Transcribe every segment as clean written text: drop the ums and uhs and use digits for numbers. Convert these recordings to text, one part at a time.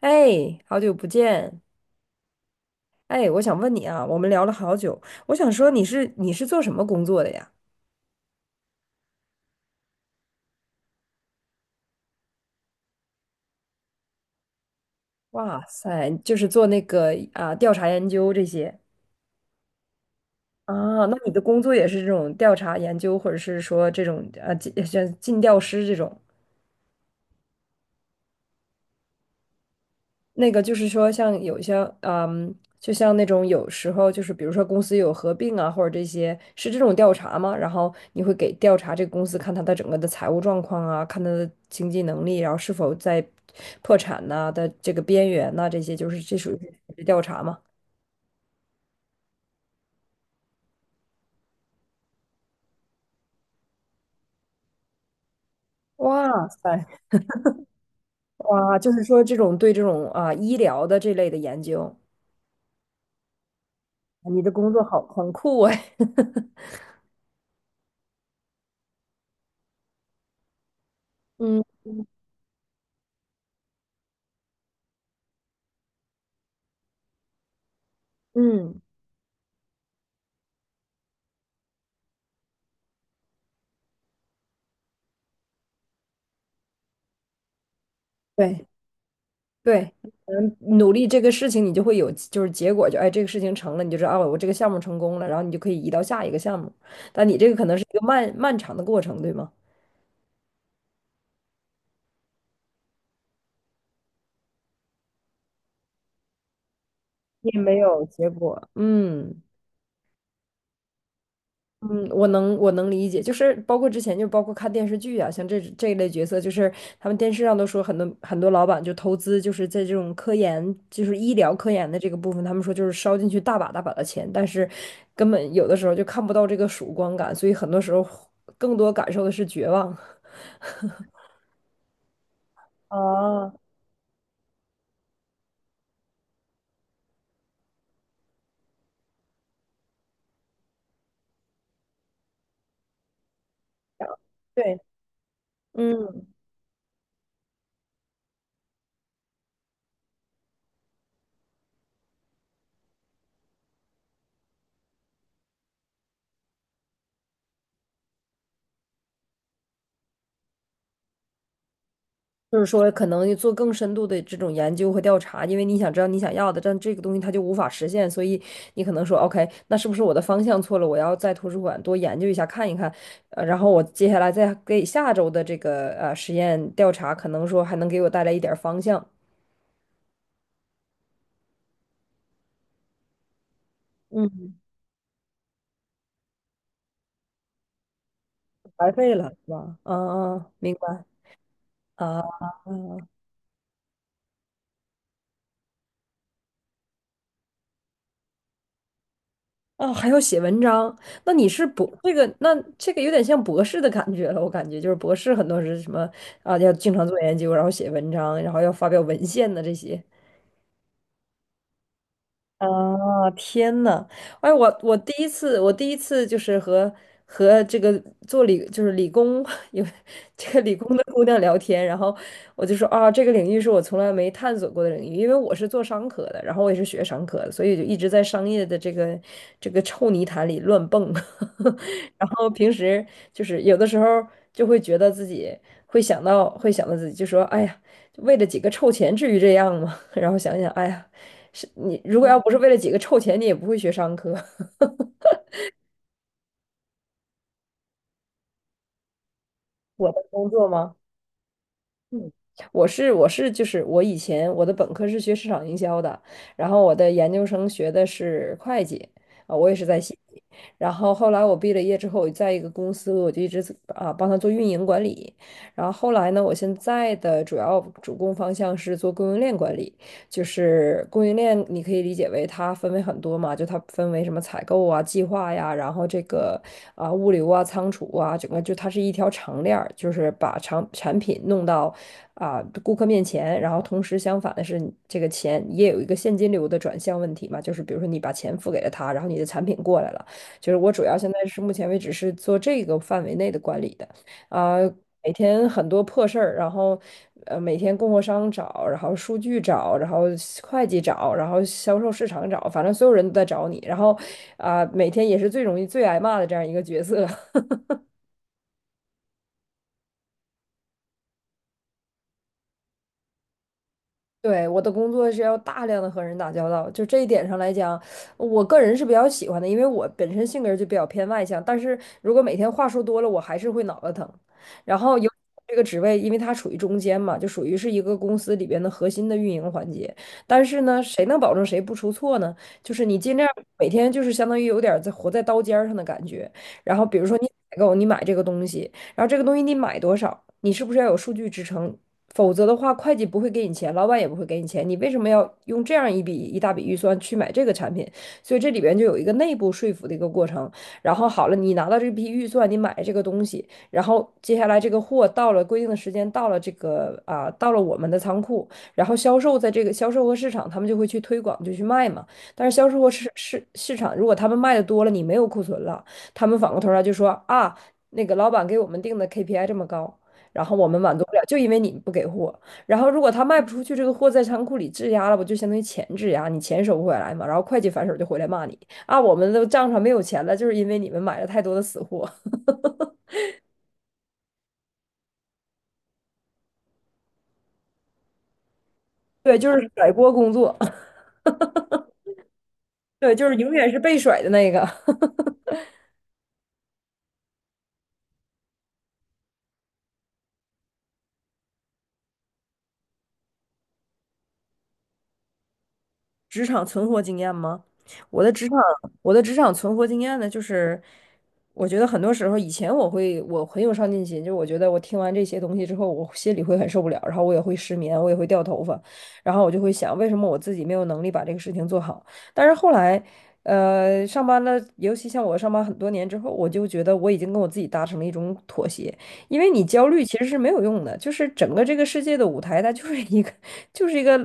哎，好久不见！哎，我想问你啊，我们聊了好久，我想说你是做什么工作的呀？哇塞，就是做那个啊调查研究这些啊，那你的工作也是这种调查研究，或者是说这种像尽调师这种那个就是说，像有一些，嗯，就像那种有时候就是，比如说公司有合并啊，或者这些，是这种调查吗？然后你会给调查这个公司，看它的整个的财务状况啊，看它的经济能力，然后是否在破产呐、的这个边缘呐、这些就是这属于是调查吗？哇塞，哇，就是说这种对这种啊医疗的这类的研究，你的工作好很酷哎。嗯嗯，对。对，嗯，努力这个事情，你就会有就是结果，就哎，这个事情成了，你就知道了，我这个项目成功了，然后你就可以移到下一个项目。但你这个可能是一个漫漫长的过程，对吗？也没有结果，嗯。嗯，我能理解，就是包括之前就包括看电视剧啊，像这一类角色，就是他们电视上都说很多很多老板就投资，就是在这种科研，就是医疗科研的这个部分，他们说就是烧进去大把大把的钱，但是根本有的时候就看不到这个曙光感，所以很多时候更多感受的是绝望。哦，对。嗯。就是说，可能做更深度的这种研究和调查，因为你想知道你想要的，但这个东西它就无法实现，所以你可能说，OK，那是不是我的方向错了？我要在图书馆多研究一下，看一看，然后我接下来再给下周的这个实验调查，可能说还能给我带来一点儿方向，嗯，白费了，是吧？啊啊，嗯明白啊啊。嗯哦，还要写文章，那你是博这个，那这个有点像博士的感觉了。我感觉就是博士很多是什么啊，要经常做研究，然后写文章，然后要发表文献的这些。啊，天呐，哎，我第一次，我第一次就是和和这个做理就是理工 有这个理工的姑娘聊天，然后我就说啊，这个领域是我从来没探索过的领域，因为我是做商科的，然后我也是学商科的，所以就一直在商业的这个臭泥潭里乱蹦，然后平时就是有的时候就会觉得自己会想到自己就说，哎呀，为了几个臭钱至于这样吗？然后想想，哎呀。是你如果要不是为了几个臭钱，你也不会学商科。我的工作吗？嗯我是就是我以前我的本科是学市场营销的，然后我的研究生学的是会计，啊，我也是在西体。然后后来我毕了业之后，我在一个公司我就一直啊帮他做运营管理。然后后来呢，我现在的主要主攻方向是做供应链管理。就是供应链，你可以理解为它分为很多嘛，就它分为什么采购啊、计划呀，然后这个啊、物流啊、仓储啊，整个就它是一条长链儿，就是把长产品弄到啊、顾客面前，然后同时相反的是，这个钱也有一个现金流的转向问题嘛，就是比如说你把钱付给了他，然后你的产品过来了，就是我主要现在是目前为止是做这个范围内的管理的。啊，每天很多破事儿，然后每天供货商找，然后数据找，然后会计找，然后销售市场找，反正所有人都在找你，然后啊、每天也是最容易最挨骂的这样一个角色。对，我的工作是要大量的和人打交道，就这一点上来讲，我个人是比较喜欢的，因为我本身性格就比较偏外向，但是如果每天话说多了，我还是会脑袋疼。然后有这个职位，因为它处于中间嘛，就属于是一个公司里边的核心的运营环节。但是呢，谁能保证谁不出错呢？就是你尽量每天就是相当于有点儿在活在刀尖儿上的感觉。然后比如说你采购，你买这个东西。然后这个东西你买多少，你是不是要有数据支撑？否则的话，会计不会给你钱，老板也不会给你钱，你为什么要用这样一笔一大笔预算去买这个产品？所以这里边就有一个内部说服的一个过程。然后好了，你拿到这批预算，你买了这个东西，然后接下来这个货到了规定的时间，到了这个到了我们的仓库，然后销售在这个销售和市场，他们就会去推广，就去卖嘛。但是销售和市场，如果他们卖的多了，你没有库存了，他们反过头来就说啊，那个老板给我们定的 KPI 这么高，然后我们满足不了，就因为你不给货。然后如果他卖不出去，这个货在仓库里质押了，不就相当于钱质押，你钱收不回来嘛？然后会计反手就回来骂你啊，我们的账上没有钱了，就是因为你们买了太多的死货。对，就是甩锅工作，对，就是永远是被甩的那个。职场存活经验吗？我的职场，我的职场存活经验呢，就是我觉得很多时候以前我很有上进心，就我觉得我听完这些东西之后，我心里会很受不了，然后我也会失眠，我也会掉头发，然后我就会想，为什么我自己没有能力把这个事情做好？但是后来，上班了，尤其像我上班很多年之后，我就觉得我已经跟我自己达成了一种妥协，因为你焦虑其实是没有用的，就是整个这个世界的舞台，它就是一个，就是一个，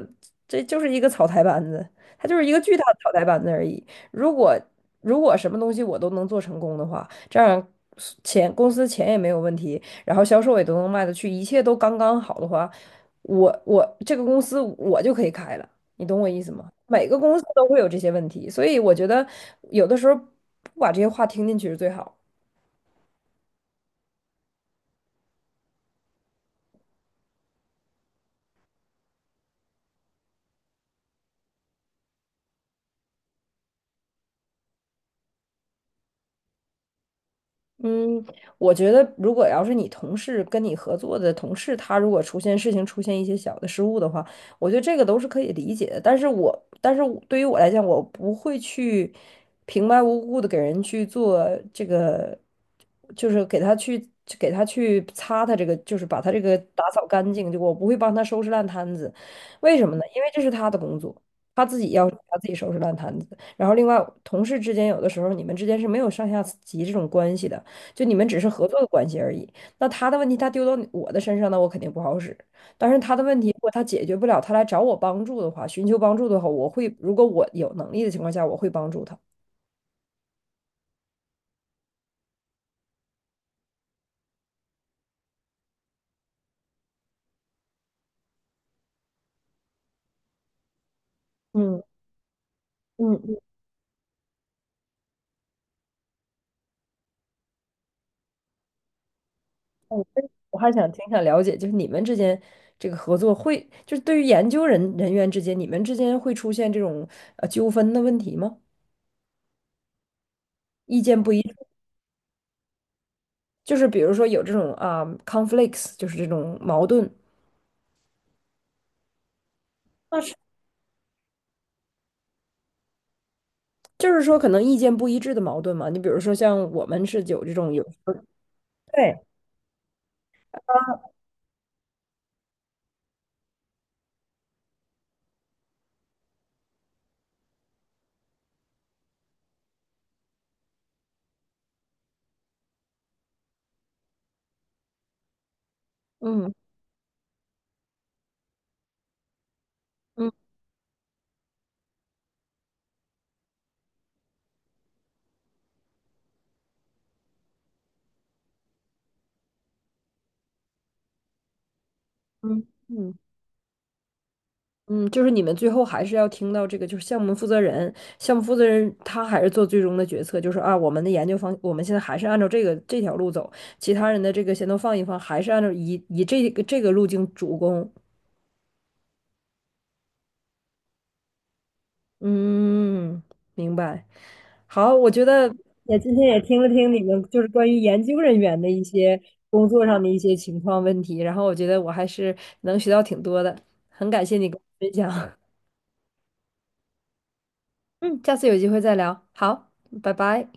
这就是一个草台班子。它就是一个巨大的脑袋班子而已。如果如果什么东西我都能做成功的话，这样公司钱也没有问题，然后销售也都能卖得去，一切都刚刚好的话，我这个公司我就可以开了，你懂我意思吗？每个公司都会有这些问题，所以我觉得有的时候不把这些话听进去是最好嗯，我觉得如果要是你同事跟你合作的同事，他如果出现事情出现一些小的失误的话，我觉得这个都是可以理解的。但是我对于我来讲，我不会去平白无故的给人去做这个，就是给他去擦他这个，就是把他这个打扫干净，就我不会帮他收拾烂摊子。为什么呢？因为这是他的工作，他自己要他自己收拾烂摊子。然后另外，同事之间有的时候你们之间是没有上下级这种关系的。就你们只是合作的关系而已。那他的问题他丢到我的身上，那我肯定不好使。但是他的问题如果他解决不了，他来找我帮助的话，寻求帮助的话，我会，如果我有能力的情况下，我会帮助他。嗯嗯嗯，我还想挺想了解，就是你们之间这个合作会，就是对于研究人员之间，你们之间会出现这种纠纷的问题吗？意见不一致，就是比如说有这种啊、conflicts，就是这种矛盾。就是说可能意见不一致的矛盾嘛。你比如说像我们是有这种有时候对，嗯嗯嗯嗯嗯，就是你们最后还是要听到这个，就是项目负责人，项目负责人他还是做最终的决策，就是啊，我们的研究方，我们现在还是按照这个这条路走，其他人的这个先都放一放，还是按照以这个这个路径主攻，嗯，明白。好，我觉得也今天也听了听你们就是关于研究人员的一些工作上的一些情况问题，然后我觉得我还是能学到挺多的，很感谢你跟我分享。嗯，下次有机会再聊。好，拜拜。